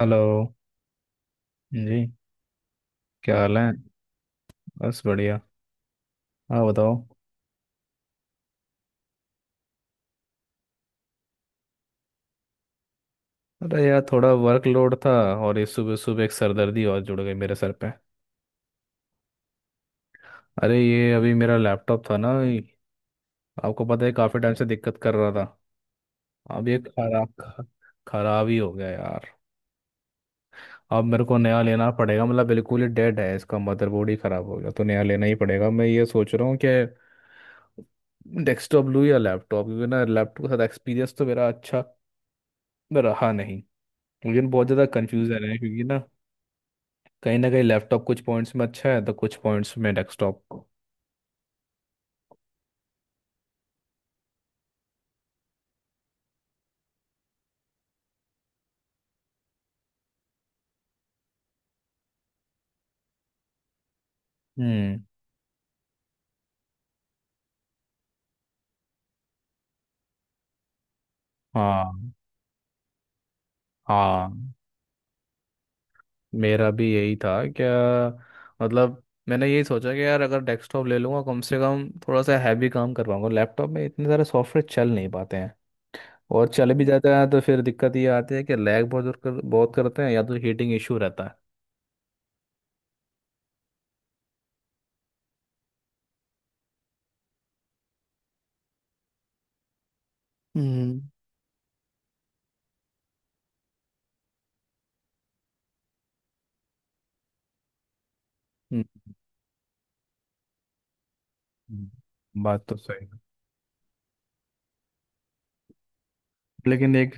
Hello जी। क्या हाल है? बस बढ़िया। हाँ बताओ। अरे यार थोड़ा वर्कलोड था। और ये सुबह सुबह एक सरदर्दी और जुड़ गई मेरे सर पे। अरे ये अभी मेरा लैपटॉप था ना, ये आपको पता है, काफ़ी टाइम से दिक्कत कर रहा था। अब ये खराब। खराब ही हो गया यार। अब मेरे को नया लेना पड़ेगा, मतलब बिल्कुल ही डेड है, इसका मदरबोर्ड ही खराब हो गया, तो नया लेना ही पड़ेगा। मैं ये सोच रहा हूँ कि डेस्कटॉप लूँ या लैपटॉप, क्योंकि ना लैपटॉप के साथ एक्सपीरियंस तो मेरा अच्छा रहा नहीं। मुझे बहुत ज़्यादा कन्फ्यूज़न है, क्योंकि ना, कहीं ना कहीं लैपटॉप कुछ पॉइंट्स में अच्छा है तो कुछ पॉइंट्स में डेस्कटॉप। हम्म। हाँ हाँ। मेरा भी यही था। क्या? मतलब मैंने यही सोचा कि यार अगर डेस्कटॉप ले लूँगा, कम से कम थोड़ा सा हैवी काम कर पाऊंगा, लैपटॉप में इतने सारे सॉफ्टवेयर चल नहीं पाते हैं। और चल भी जाते हैं तो फिर दिक्कत ये आती है कि लैग बहुत करते हैं, या तो हीटिंग इशू रहता है। हम्म। हम्म, बात तो सही है। लेकिन एक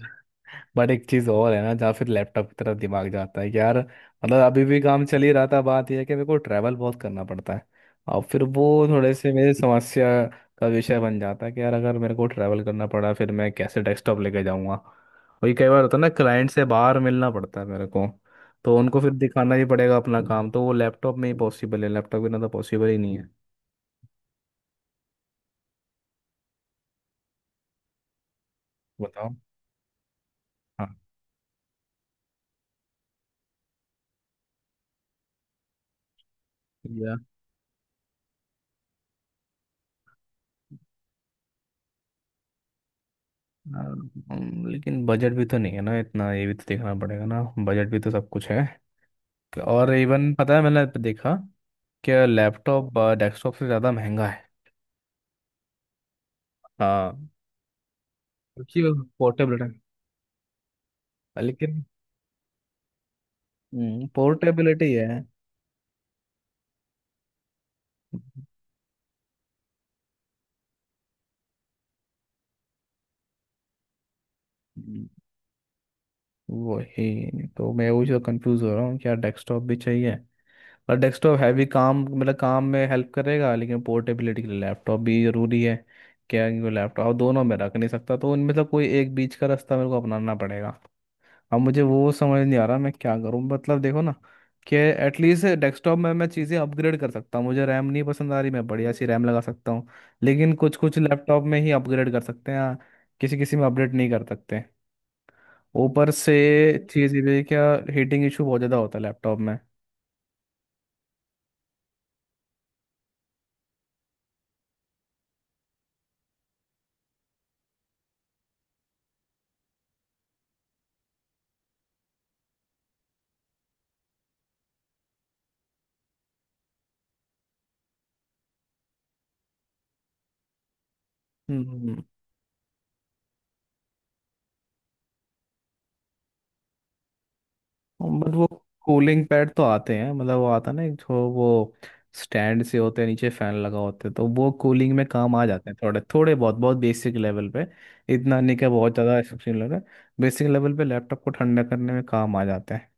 बट एक चीज और है ना, जहाँ फिर लैपटॉप की तरफ दिमाग जाता है कि यार, मतलब अभी भी काम चल ही रहा था, बात यह है कि मेरे को ट्रैवल बहुत करना पड़ता है। और फिर वो थोड़े से मेरी समस्या का विषय बन जाता है, कि यार अगर मेरे को ट्रैवल करना पड़ा, फिर मैं कैसे डेस्कटॉप लेके जाऊँगा। वही कई बार होता है ना, क्लाइंट से बाहर मिलना पड़ता है मेरे को। तो उनको फिर दिखाना ही पड़ेगा अपना काम, तो वो लैपटॉप में ही पॉसिबल है, लैपटॉप बिना तो पॉसिबल ही नहीं है। बताओ। हाँ। या, लेकिन बजट भी तो नहीं है ना इतना, ये भी तो देखना पड़ेगा ना, बजट भी तो सब कुछ है। और इवन पता है, मैंने देखा कि लैपटॉप डेस्कटॉप से ज़्यादा महंगा है। हाँ। पोर्टेबल है। लेकिन पोर्टेबिलिटी है। हम्म, वही तो मैं वही तो कंफ्यूज हो रहा हूँ, क्या डेस्कटॉप भी चाहिए। पर डेस्कटॉप हैवी काम, मतलब काम में हेल्प करेगा, लेकिन पोर्टेबिलिटी के लिए लैपटॉप भी ज़रूरी है। क्या वो लैपटॉप दोनों में रख नहीं सकता, तो उनमें से कोई एक बीच का रास्ता मेरे को अपनाना पड़ेगा। अब मुझे वो समझ नहीं आ रहा मैं क्या करूँ, मतलब देखो ना, कि एटलीस्ट डेस्कटॉप में मैं चीज़ें अपग्रेड कर सकता हूँ, मुझे रैम नहीं पसंद आ रही, मैं बढ़िया सी रैम लगा सकता हूँ। लेकिन कुछ कुछ लैपटॉप में ही अपग्रेड कर सकते हैं, किसी किसी में अपडेट नहीं कर सकते। ऊपर से चीज़ ये भी है क्या, हीटिंग इशू बहुत ज़्यादा होता है लैपटॉप में। हम्म। बट वो कूलिंग पैड तो आते हैं, मतलब वो आता है ना, एक जो वो स्टैंड से होते हैं, नीचे फैन लगा होते हैं, तो वो कूलिंग में काम आ जाते हैं थोड़े थोड़े, बहुत बहुत बेसिक लेवल पे। इतना नहीं, क्या बहुत ज़्यादा एक्सेप्शनल लग रहा है, बेसिक लेवल पे लैपटॉप को ठंडा करने में काम आ जाते हैं।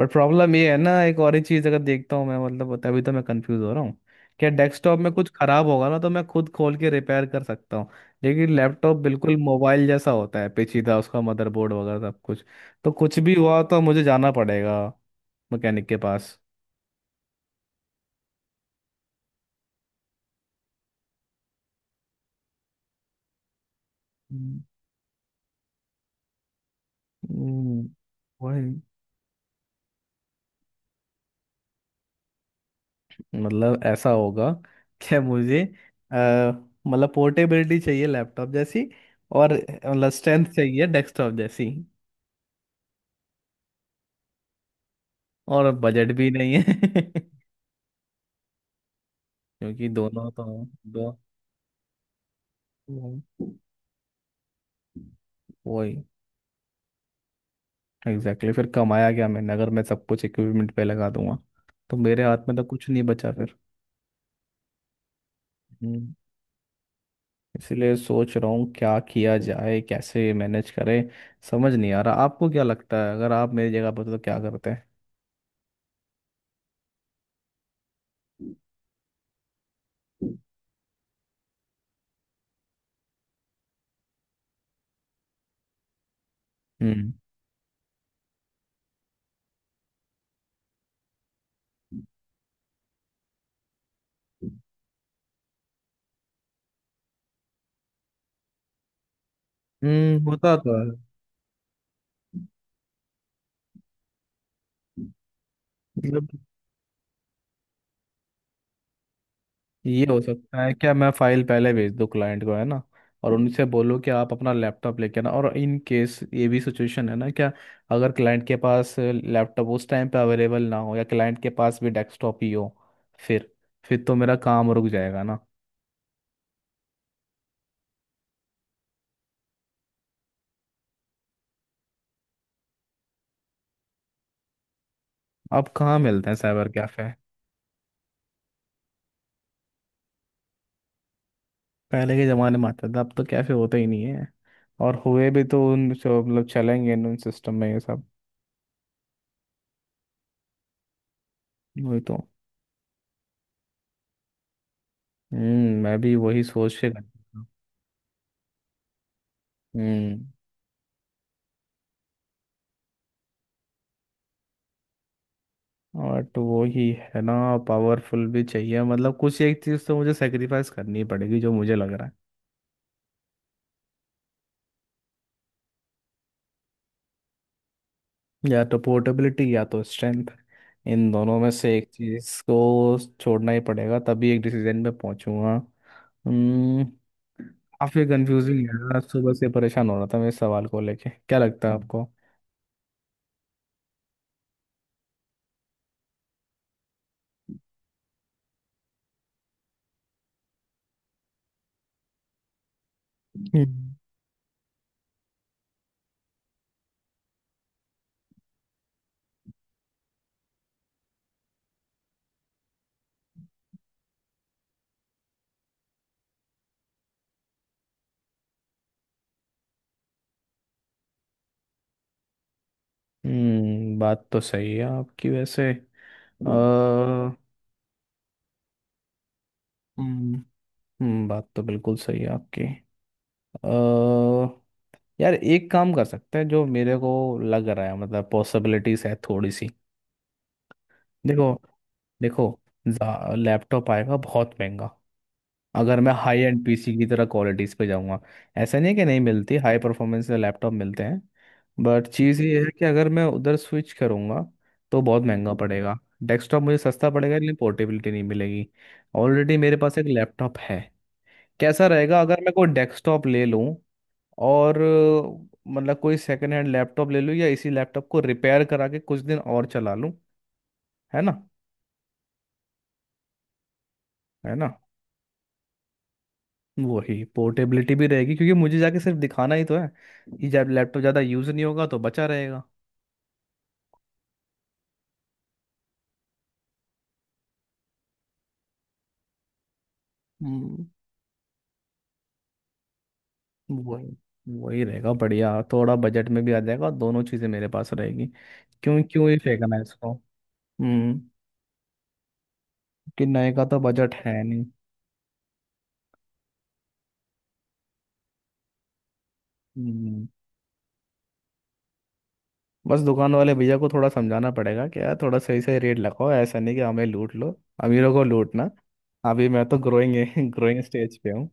बट प्रॉब्लम ये है ना, एक और ही चीज़ अगर देखता हूँ मैं, मतलब तभी तो मैं कंफ्यूज हो रहा हूँ, क्या डेस्कटॉप में कुछ खराब होगा ना तो मैं खुद खोल के रिपेयर कर सकता हूँ। लेकिन लैपटॉप बिल्कुल मोबाइल जैसा होता है पेचीदा, उसका मदरबोर्ड वगैरह सब कुछ, तो कुछ भी हुआ तो मुझे जाना पड़ेगा मैकेनिक के पास। हम्म। हम्म। वही। मतलब ऐसा होगा कि मुझे अ, मतलब पोर्टेबिलिटी चाहिए लैपटॉप जैसी, और मतलब स्ट्रेंथ चाहिए डेस्कटॉप जैसी, और बजट भी नहीं है क्योंकि दोनों तो, दो, वही। वही एग्जैक्टली exactly। फिर कमाया क्या मैंने, अगर मैं सब कुछ इक्विपमेंट पे लगा दूंगा तो मेरे हाथ में तो कुछ नहीं बचा फिर। इसलिए सोच रहा हूँ क्या किया जाए, कैसे मैनेज करें, समझ नहीं आ रहा। आपको क्या लगता है, अगर आप मेरी जगह पर तो क्या करते हैं? हम्म। हम्म, होता तो है। मतलब ये हो सकता है क्या, मैं फाइल पहले भेज दूँ क्लाइंट को है ना, और उनसे बोलूँ कि आप अपना लैपटॉप लेके आना। और इन केस ये भी सिचुएशन है ना क्या, अगर क्लाइंट के पास लैपटॉप उस टाइम पे अवेलेबल ना हो, या क्लाइंट के पास भी डेस्कटॉप ही हो, फिर फिर तो मेरा काम रुक जाएगा ना। अब कहाँ मिलते हैं साइबर कैफे, पहले के ज़माने में आता था, अब तो कैफे होते ही नहीं है। और हुए भी तो उन, जो मतलब चलेंगे उन सिस्टम में ये सब। वही तो। मैं भी वही सोच के करता था। हम्म। और तो वही है ना, पावरफुल भी चाहिए, मतलब कुछ एक चीज़ तो मुझे सेक्रीफाइस करनी पड़ेगी जो मुझे लग रहा है, या तो पोर्टेबिलिटी या तो स्ट्रेंथ, इन दोनों में से एक चीज़ को छोड़ना ही पड़ेगा, तभी एक डिसीजन पे पहुंचूंगा। हम्म, काफी कंफ्यूजिंग है यार, सुबह से परेशान हो रहा था मैं इस सवाल को लेके। क्या लगता है आपको? हम्म। बात तो सही है आपकी वैसे। हम्म। बात तो बिल्कुल सही है आपकी। अ, यार एक काम कर सकते हैं, जो मेरे को लग रहा है, मतलब पॉसिबिलिटीज है थोड़ी सी। देखो। देखो। लैपटॉप आएगा बहुत महंगा, अगर मैं हाई एंड पीसी की तरह क्वालिटीज़ पे जाऊँगा। ऐसा नहीं है कि नहीं मिलती, हाई परफॉर्मेंस के लैपटॉप मिलते हैं। बट चीज़ ये है कि अगर मैं उधर स्विच करूँगा तो बहुत महंगा पड़ेगा, डेस्कटॉप मुझे सस्ता पड़ेगा, लेकिन पोर्टेबिलिटी नहीं मिलेगी। ऑलरेडी मेरे पास एक लैपटॉप है। कैसा रहेगा अगर मैं कोई डेस्कटॉप ले लूँ, और मतलब कोई सेकेंड हैंड लैपटॉप ले लूँ, या इसी लैपटॉप को रिपेयर करा के कुछ दिन और चला लूँ, है ना? है ना? वही पोर्टेबिलिटी भी रहेगी, क्योंकि मुझे जाके सिर्फ दिखाना ही तो है, ये जब लैपटॉप ज़्यादा यूज़ नहीं होगा तो बचा रहेगा। हम्म। वही। वही रहेगा बढ़िया, थोड़ा बजट में भी आ जाएगा, दोनों चीज़ें मेरे पास रहेगी। क्यों क्यों ही फेंकना है इसको। हम्म, कि नए का तो बजट है नहीं। हम्म। बस दुकान वाले भैया को थोड़ा समझाना पड़ेगा, कि यार थोड़ा सही सही रेट लगाओ, ऐसा नहीं कि हमें लूट लो। अमीरों को लूटना, अभी मैं तो ग्रोइंग ग्रोइंग स्टेज पे हूँ।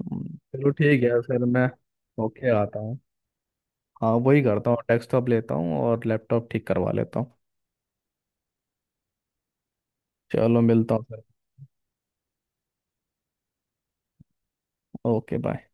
चलो ठीक है फिर मैं, ओके आता हूँ। हाँ वही करता हूँ, डेस्कटॉप लेता हूँ और लैपटॉप ठीक करवा लेता हूँ। चलो मिलता हूँ सर। Okay bye.